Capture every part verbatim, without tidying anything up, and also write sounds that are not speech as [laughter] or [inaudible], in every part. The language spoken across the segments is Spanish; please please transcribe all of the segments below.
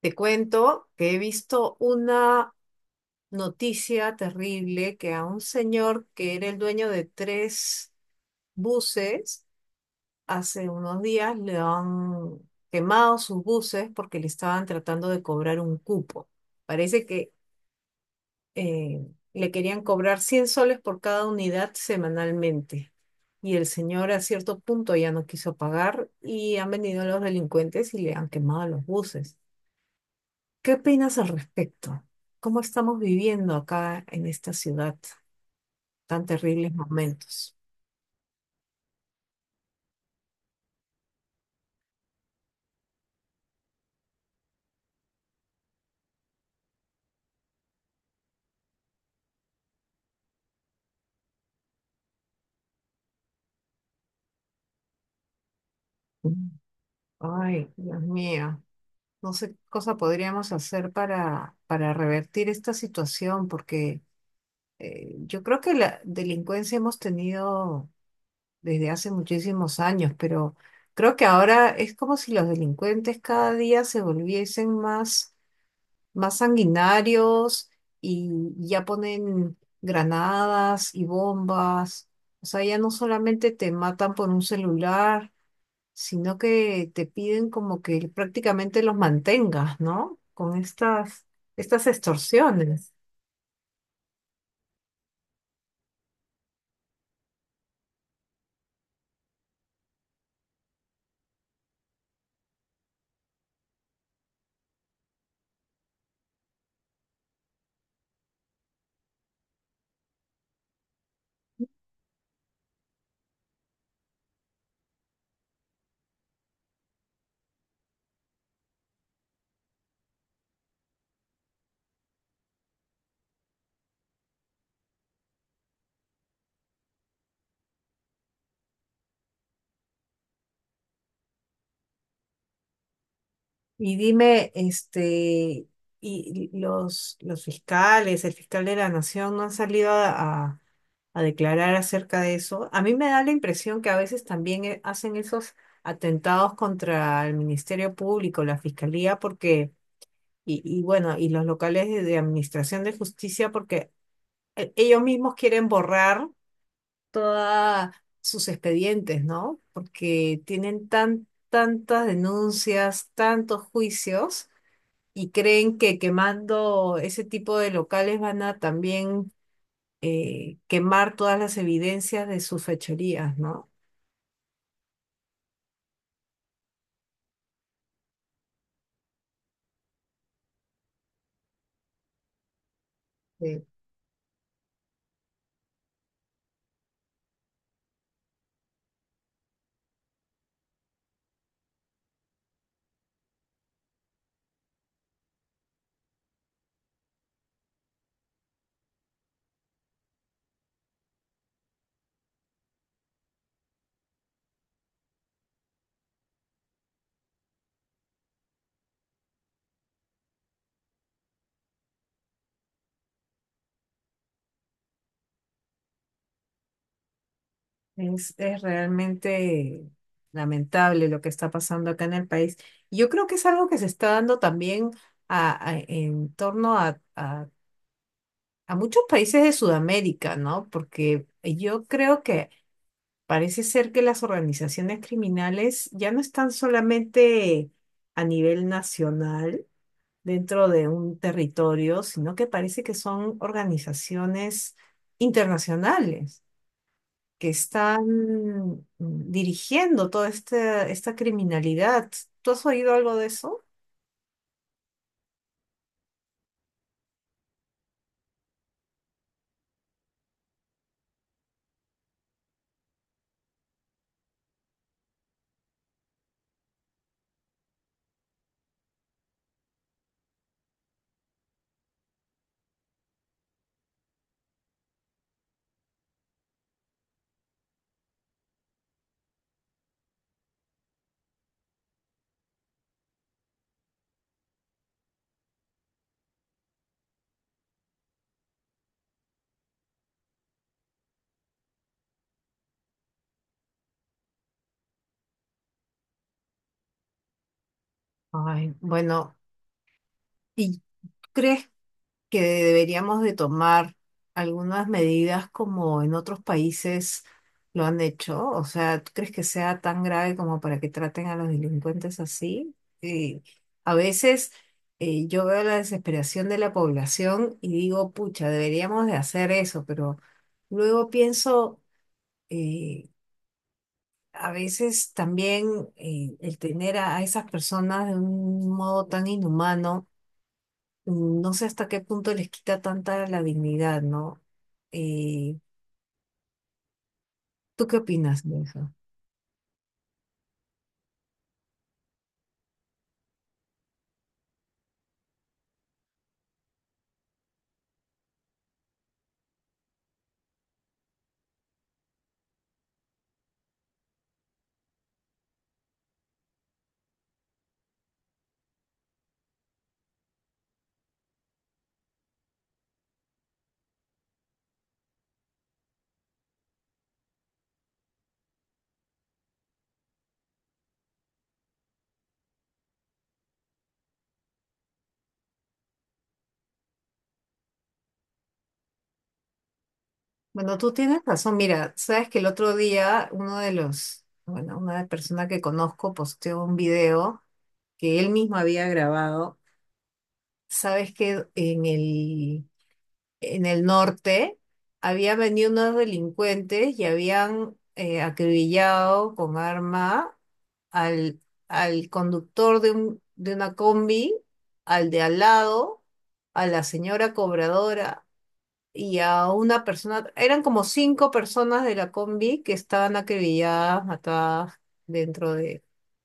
Te cuento que he visto una noticia terrible que a un señor que era el dueño de tres buses, hace unos días le han quemado sus buses porque le estaban tratando de cobrar un cupo. Parece que eh, le querían cobrar cien soles por cada unidad semanalmente. Y el señor a cierto punto ya no quiso pagar y han venido los delincuentes y le han quemado los buses. ¿Qué opinas al respecto? ¿Cómo estamos viviendo acá en esta ciudad tan terribles momentos? Mm. Ay, Dios mío, no sé qué cosa podríamos hacer para, para revertir esta situación, porque eh, yo creo que la delincuencia hemos tenido desde hace muchísimos años, pero creo que ahora es como si los delincuentes cada día se volviesen más más sanguinarios y ya ponen granadas y bombas. O sea, ya no solamente te matan por un celular, sino que te piden como que prácticamente los mantengas, ¿no? Con estas, estas extorsiones. Y dime, este, y los, los fiscales, el fiscal de la nación, ¿no han salido a, a- a declarar acerca de eso? A mí me da la impresión que a veces también eh, hacen esos atentados contra el Ministerio Público, la Fiscalía, porque, y, y bueno, y los locales de, de Administración de Justicia, porque eh, ellos mismos quieren borrar todos sus expedientes, ¿no? Porque tienen tan, tantas denuncias, tantos juicios y creen que quemando ese tipo de locales van a también eh, quemar todas las evidencias de sus fechorías, ¿no? Eh, es, es realmente lamentable lo que está pasando acá en el país. Y yo creo que es algo que se está dando también a- a- en torno a, a a muchos países de Sudamérica, ¿no? Porque yo creo que parece ser que las organizaciones criminales ya no están solamente a nivel nacional, dentro de un territorio, sino que parece que son organizaciones internacionales que están mm, dirigiendo toda esta, esta criminalidad. ¿Tú has oído algo de eso? Ay, bueno, ¿y crees que deberíamos de tomar algunas medidas como en otros países lo han hecho? O sea, ¿tú crees que sea tan grave como para que traten a los delincuentes así? Eh, a veces eh, yo veo la desesperación de la población y digo, pucha, deberíamos de hacer eso, pero luego pienso, eh, a veces también eh, el tener a a esas personas de un modo tan inhumano, mm, no sé hasta qué punto les quita tanta la dignidad, ¿no? Eh, ¿Tú qué opinas de eso? Bueno, tú tienes razón. Mira, sabes que el otro día uno de los, bueno, una persona que conozco posteó un video que él mismo había grabado. Sabes que en el en el norte, habían venido unos delincuentes y habían eh, acribillado con arma al, al conductor de un, de una combi, al de al lado, a la señora cobradora y a una persona. Eran como cinco personas de la combi que estaban acribilladas, matadas dentro de,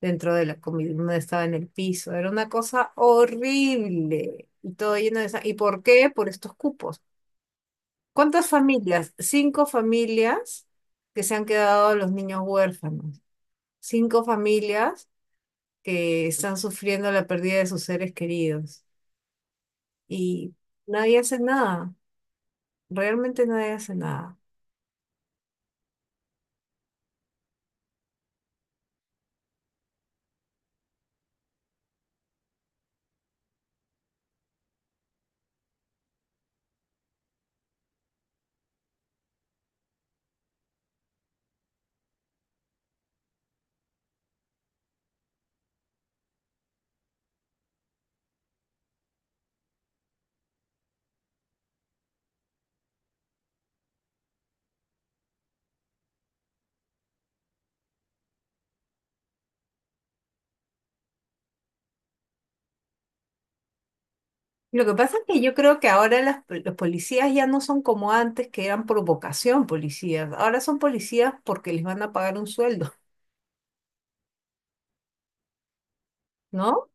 dentro de la combi. Una estaba en el piso. Era una cosa horrible. Y todo lleno de sa- ¿Y por qué? Por estos cupos. ¿Cuántas familias? Cinco familias que se han quedado los niños huérfanos. Cinco familias que están sufriendo la pérdida de sus seres queridos. Y nadie hace nada. Realmente nadie hace nada. Lo que pasa es que yo creo que ahora las, los policías ya no son como antes, que eran por vocación policías. Ahora son policías porque les van a pagar un sueldo, ¿no?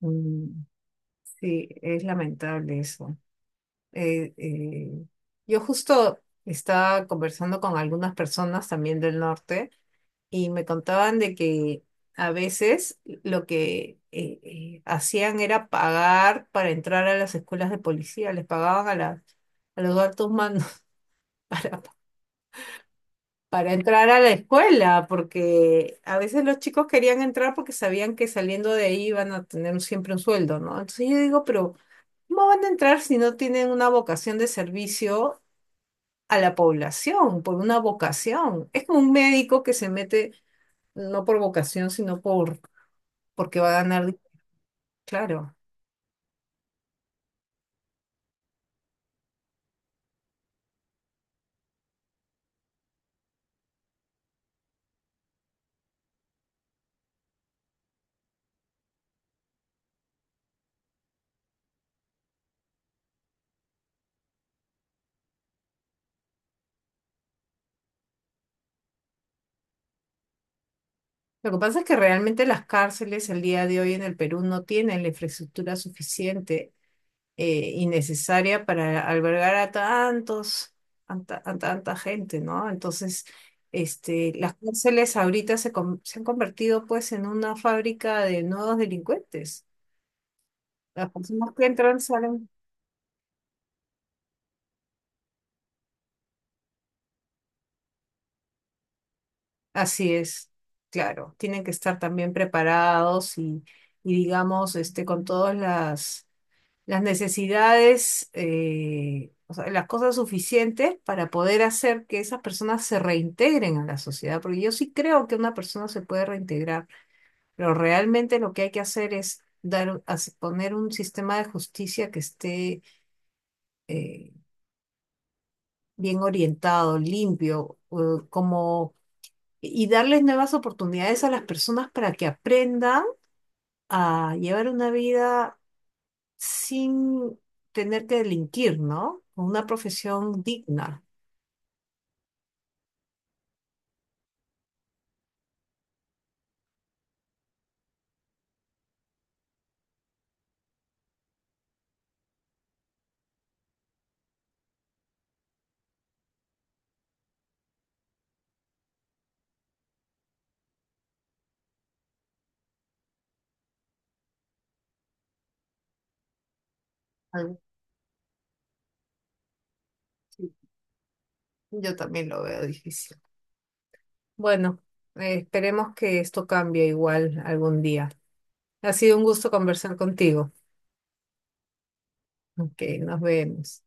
Mm, sí, es lamentable eso. eh, eh, yo justo estaba conversando con algunas personas también del norte y me contaban de que a veces lo que eh, eh, hacían era pagar para entrar a las escuelas de policía, les pagaban a las, a los altos mandos [laughs] para entrar a la escuela, porque a veces los chicos querían entrar porque sabían que saliendo de ahí iban a tener un- siempre un sueldo, ¿no? Entonces yo digo, pero... ¿Cómo van a entrar si no tienen una vocación de servicio a la población por una vocación? Es como un médico que se mete no por vocación, sino por porque va a ganar, di- claro. Lo que pasa es que realmente las cárceles el día de hoy en el Perú no tienen la infraestructura suficiente eh, y necesaria para albergar a tantos, a, ta- a tanta gente, ¿no? Entonces, este, las cárceles ahorita se, con- se han convertido pues en una fábrica de nuevos delincuentes. Las personas que entran salen. Así es, claro, tienen que estar también preparados y, y digamos, este, con todas las, las necesidades, eh, o sea, las cosas suficientes para poder hacer que esas personas se reintegren a la sociedad, porque yo sí creo que una persona se puede reintegrar, pero realmente lo que hay que hacer es dar, hace- poner un sistema de justicia que esté eh, bien orientado, limpio, eh, como y darles nuevas oportunidades a las personas para que aprendan a llevar una vida sin tener que delinquir, ¿no? Con una profesión digna. Algo así. Yo también lo veo difícil. Bueno, eh, esperemos que esto cambie igual algún día. Ha sido un gusto conversar contigo. Ok, nos vemos.